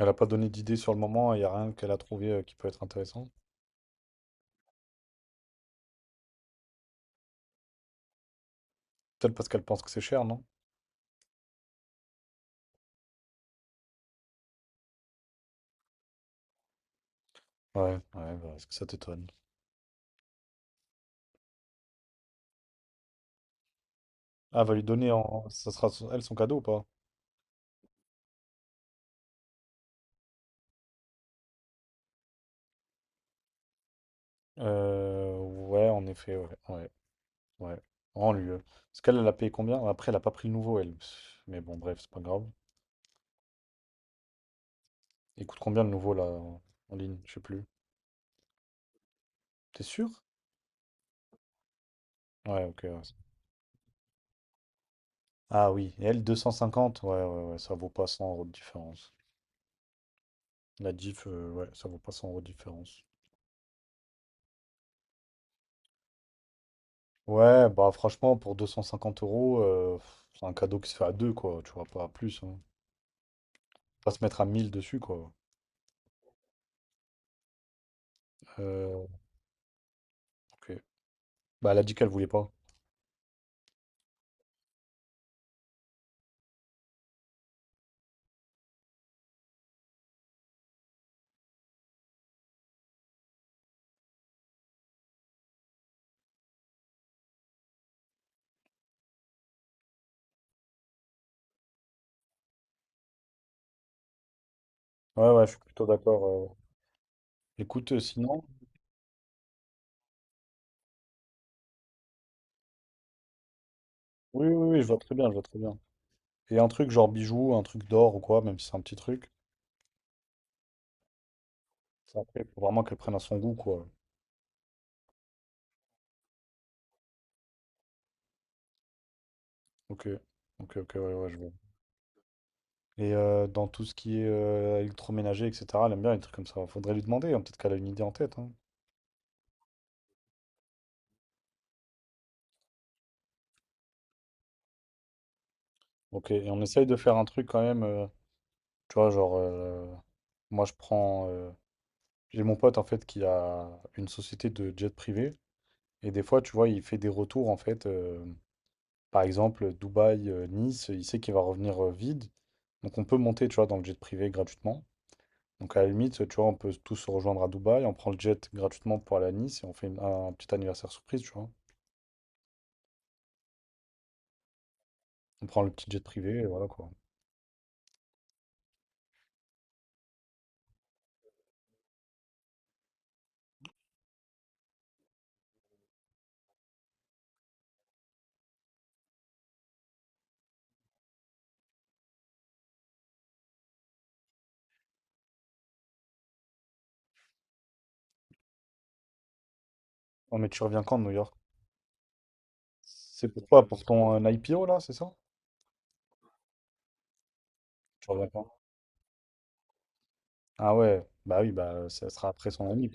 Elle a pas donné d'idée sur le moment, il n'y a rien qu'elle a trouvé qui peut être intéressant. Peut-être parce qu'elle pense que c'est cher, non? Ouais, ouais, bah, est-ce que ça t'étonne? Ah, va lui donner en. Ça sera elle son cadeau ou pas? Ouais, en effet, ouais, ouais, ouais. En lui. Parce qu'elle, elle a payé combien? Après, elle a pas pris le nouveau, elle. Pff, mais bon, bref, c'est pas grave. Il coûte combien le nouveau, là, en ligne? Je sais plus. T'es sûr? Ouais, ok. Ouais. Ah oui, et elle, 250? Ouais, ouais, ouais, ça vaut pas 100 € de différence. La diff, ouais, ça vaut pas 100 € de différence. Ouais, bah franchement, pour 250 euros, pff, c'est un cadeau qui se fait à deux, quoi. Tu vois, pas plus. Hein. Pas se mettre à 1000 dessus, quoi. Euh, ok. Bah, elle a dit qu'elle voulait pas. Ouais, ouais, je suis plutôt d'accord. euh. Écoute, sinon. Oui, oui, oui, je vois très bien, je vois très bien. Et un truc genre bijoux, un truc d'or ou quoi, même si c'est un petit truc. Ça, après, faut vraiment qu'elle prenne à son goût, quoi. Ok. Ok, ok, ouais, ouais, je vois. Et dans tout ce qui est électroménager, etc., elle aime bien les trucs comme ça. Faudrait lui demander, hein, peut-être qu'elle a une idée en tête. Hein. Ok, et on essaye de faire un truc quand même. Tu vois, genre, moi, je prends. J'ai mon pote, en fait, qui a une société de jet privé. Et des fois, tu vois, il fait des retours, en fait. Par exemple, Dubaï, Nice, il sait qu'il va revenir vide. Donc, on peut monter, tu vois, dans le jet privé gratuitement. Donc, à la limite, tu vois, on peut tous se rejoindre à Dubaï. On prend le jet gratuitement pour aller à Nice et on fait un petit anniversaire surprise, tu vois. On prend le petit jet privé et voilà, quoi. Oh, mais tu reviens quand de New York? C'est pourquoi? Pour ton IPO, là, c'est ça? Tu reviens quand? Ah ouais, bah oui, bah ça sera après son ami.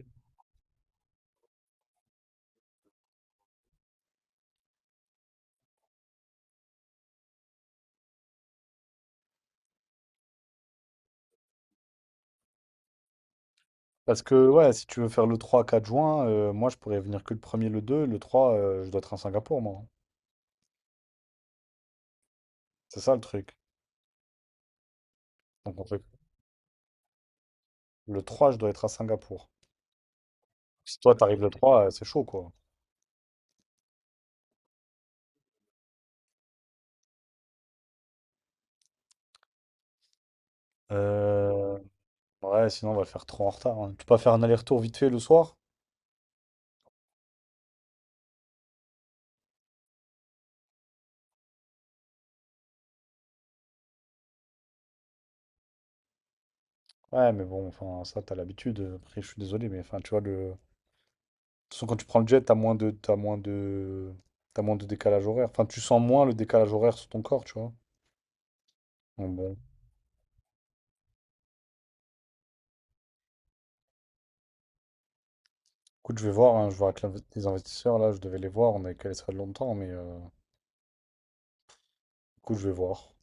Parce que ouais, si tu veux faire le trois quatre juin, moi je pourrais venir que le premier, le deux, le 3 je dois être à Singapour, moi. Hein. C'est ça le truc. Donc en fait, le trois je dois être à Singapour. Si toi t'arrives le trois c'est chaud quoi. Euh, ouais, sinon on va le faire trop en retard. Hein. Tu peux pas faire un aller-retour vite fait le soir? Ouais, mais bon, enfin, ça, t'as l'habitude. Après, je suis désolé, mais enfin, tu vois, de toute façon, quand tu prends le jet, t'as moins de décalage horaire. Enfin, tu sens moins le décalage horaire sur ton corps, tu vois. Donc, bon. Écoute, je vais voir, hein, je vois avec les investisseurs, là, je devais les voir, on avait calé ça longtemps, mais écoute, je vais voir.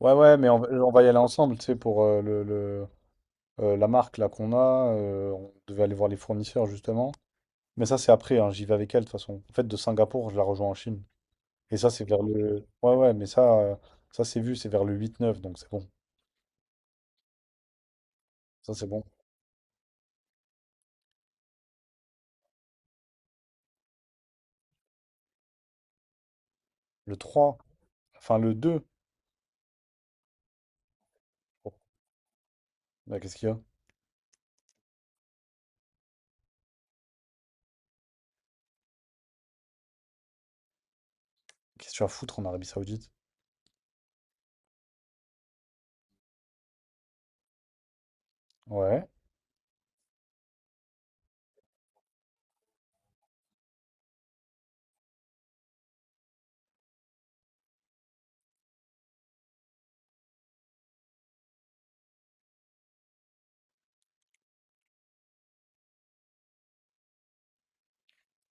Ouais, ouais, mais on va y aller ensemble, tu sais, pour la marque, là, qu'on a. On devait aller voir les fournisseurs, justement. Mais ça, c'est après, hein, j'y vais avec elle, de toute façon. En fait, de Singapour, je la rejoins en Chine. Et ça, c'est vers le. Ouais, ouais, mais ça, ça c'est vu, c'est vers le 8-9, donc c'est bon. Ça, c'est bon. Le 3, enfin le 2. Oh, bah, qu'est-ce qu'il y a? Qu'est-ce que tu vas foutre en Arabie Saoudite? Ouais.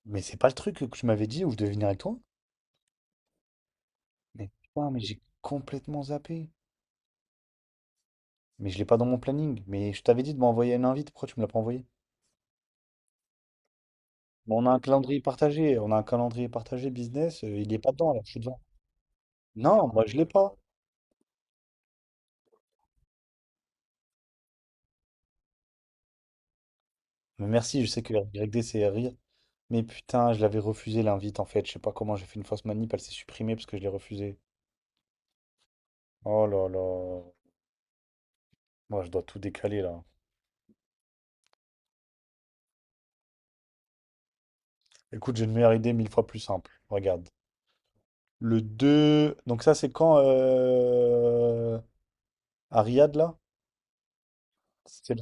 Mais c'est pas le truc que tu m'avais dit où je devais venir avec toi? Mais putain, mais j'ai complètement zappé. Mais je l'ai pas dans mon planning. Mais je t'avais dit de m'envoyer une invite, pourquoi tu me l'as pas envoyé? Mais on a un calendrier partagé, on a un calendrier partagé business, il est pas dedans là, je suis devant. Non, moi je l'ai pas. Mais merci, je sais que R Y D c'est rire. Mais putain, je l'avais refusé l'invite en fait. Je sais pas comment j'ai fait une fausse manip, elle s'est supprimée parce que je l'ai refusée. Oh là là. Moi, je dois tout décaler là. Écoute, j'ai une meilleure idée mille fois plus simple. Regarde. Le 2. Donc ça, c'est quand à Riyad là? C'est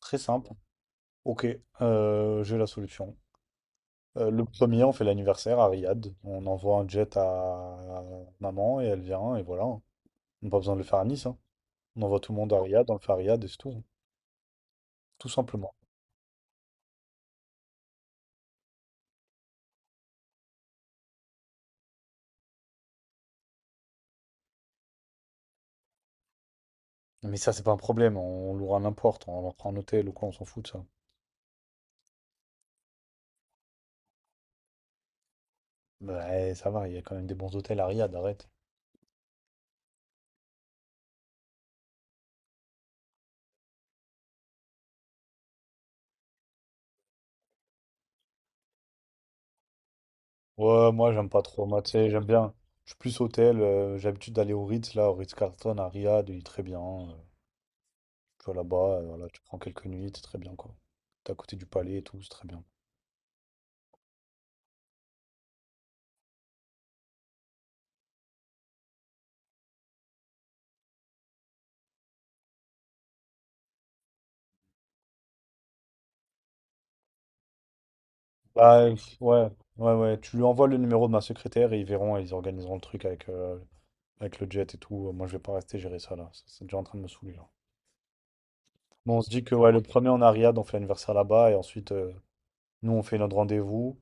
très simple. Ok, j'ai la solution. Le premier, on fait l'anniversaire à Riyad. On envoie un jet à maman et elle vient et voilà. On n'a pas besoin de le faire à Nice. Hein. On envoie tout le monde à Riyad, on le fait à Riyad et c'est tout. Hein. Tout simplement. Mais ça, c'est pas un problème, on louera n'importe, on leur prend un hôtel ou quoi, on s'en fout de ça. Ouais, ça va, il y a quand même des bons hôtels à Riyad, arrête. Ouais, moi j'aime pas trop, moi tu sais, j'aime bien. Je suis plus hôtel, j'ai l'habitude d'aller au Ritz, là, au Ritz-Carlton à Riyad, il est très bien. Tu vas là-bas, voilà, tu prends quelques nuits, c'est très bien quoi. T'es à côté du palais et tout, c'est très bien. Bah, ouais, ouais, ouais, tu lui envoies le numéro de ma secrétaire et ils verront, ils organiseront le truc avec le jet et tout. Moi je vais pas rester gérer ça là, c'est déjà en train de me saouler là. Bon, on se dit que ouais, le premier en Ariad, on fait l'anniversaire là-bas et ensuite nous on fait notre rendez-vous.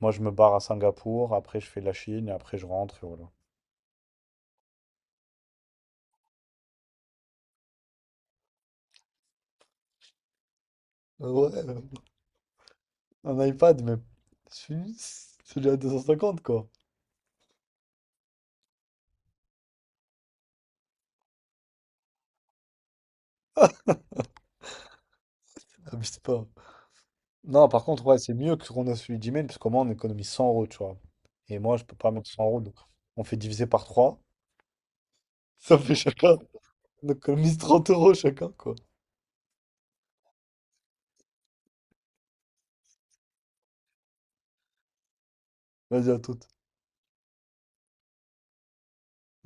Moi je me barre à Singapour, après je fais la Chine et après je rentre et voilà. Ouais, un iPad, mais celui celui à 250 quoi. Abuse pas. Non, par contre, ouais, c'est mieux que ce qu'on a celui d'email parce qu'au moins on économise 100 euros, tu vois. Et moi je peux pas mettre 100 € donc on fait diviser par trois. Ça fait chacun. On économise 30 € chacun quoi. Vas-y à toute.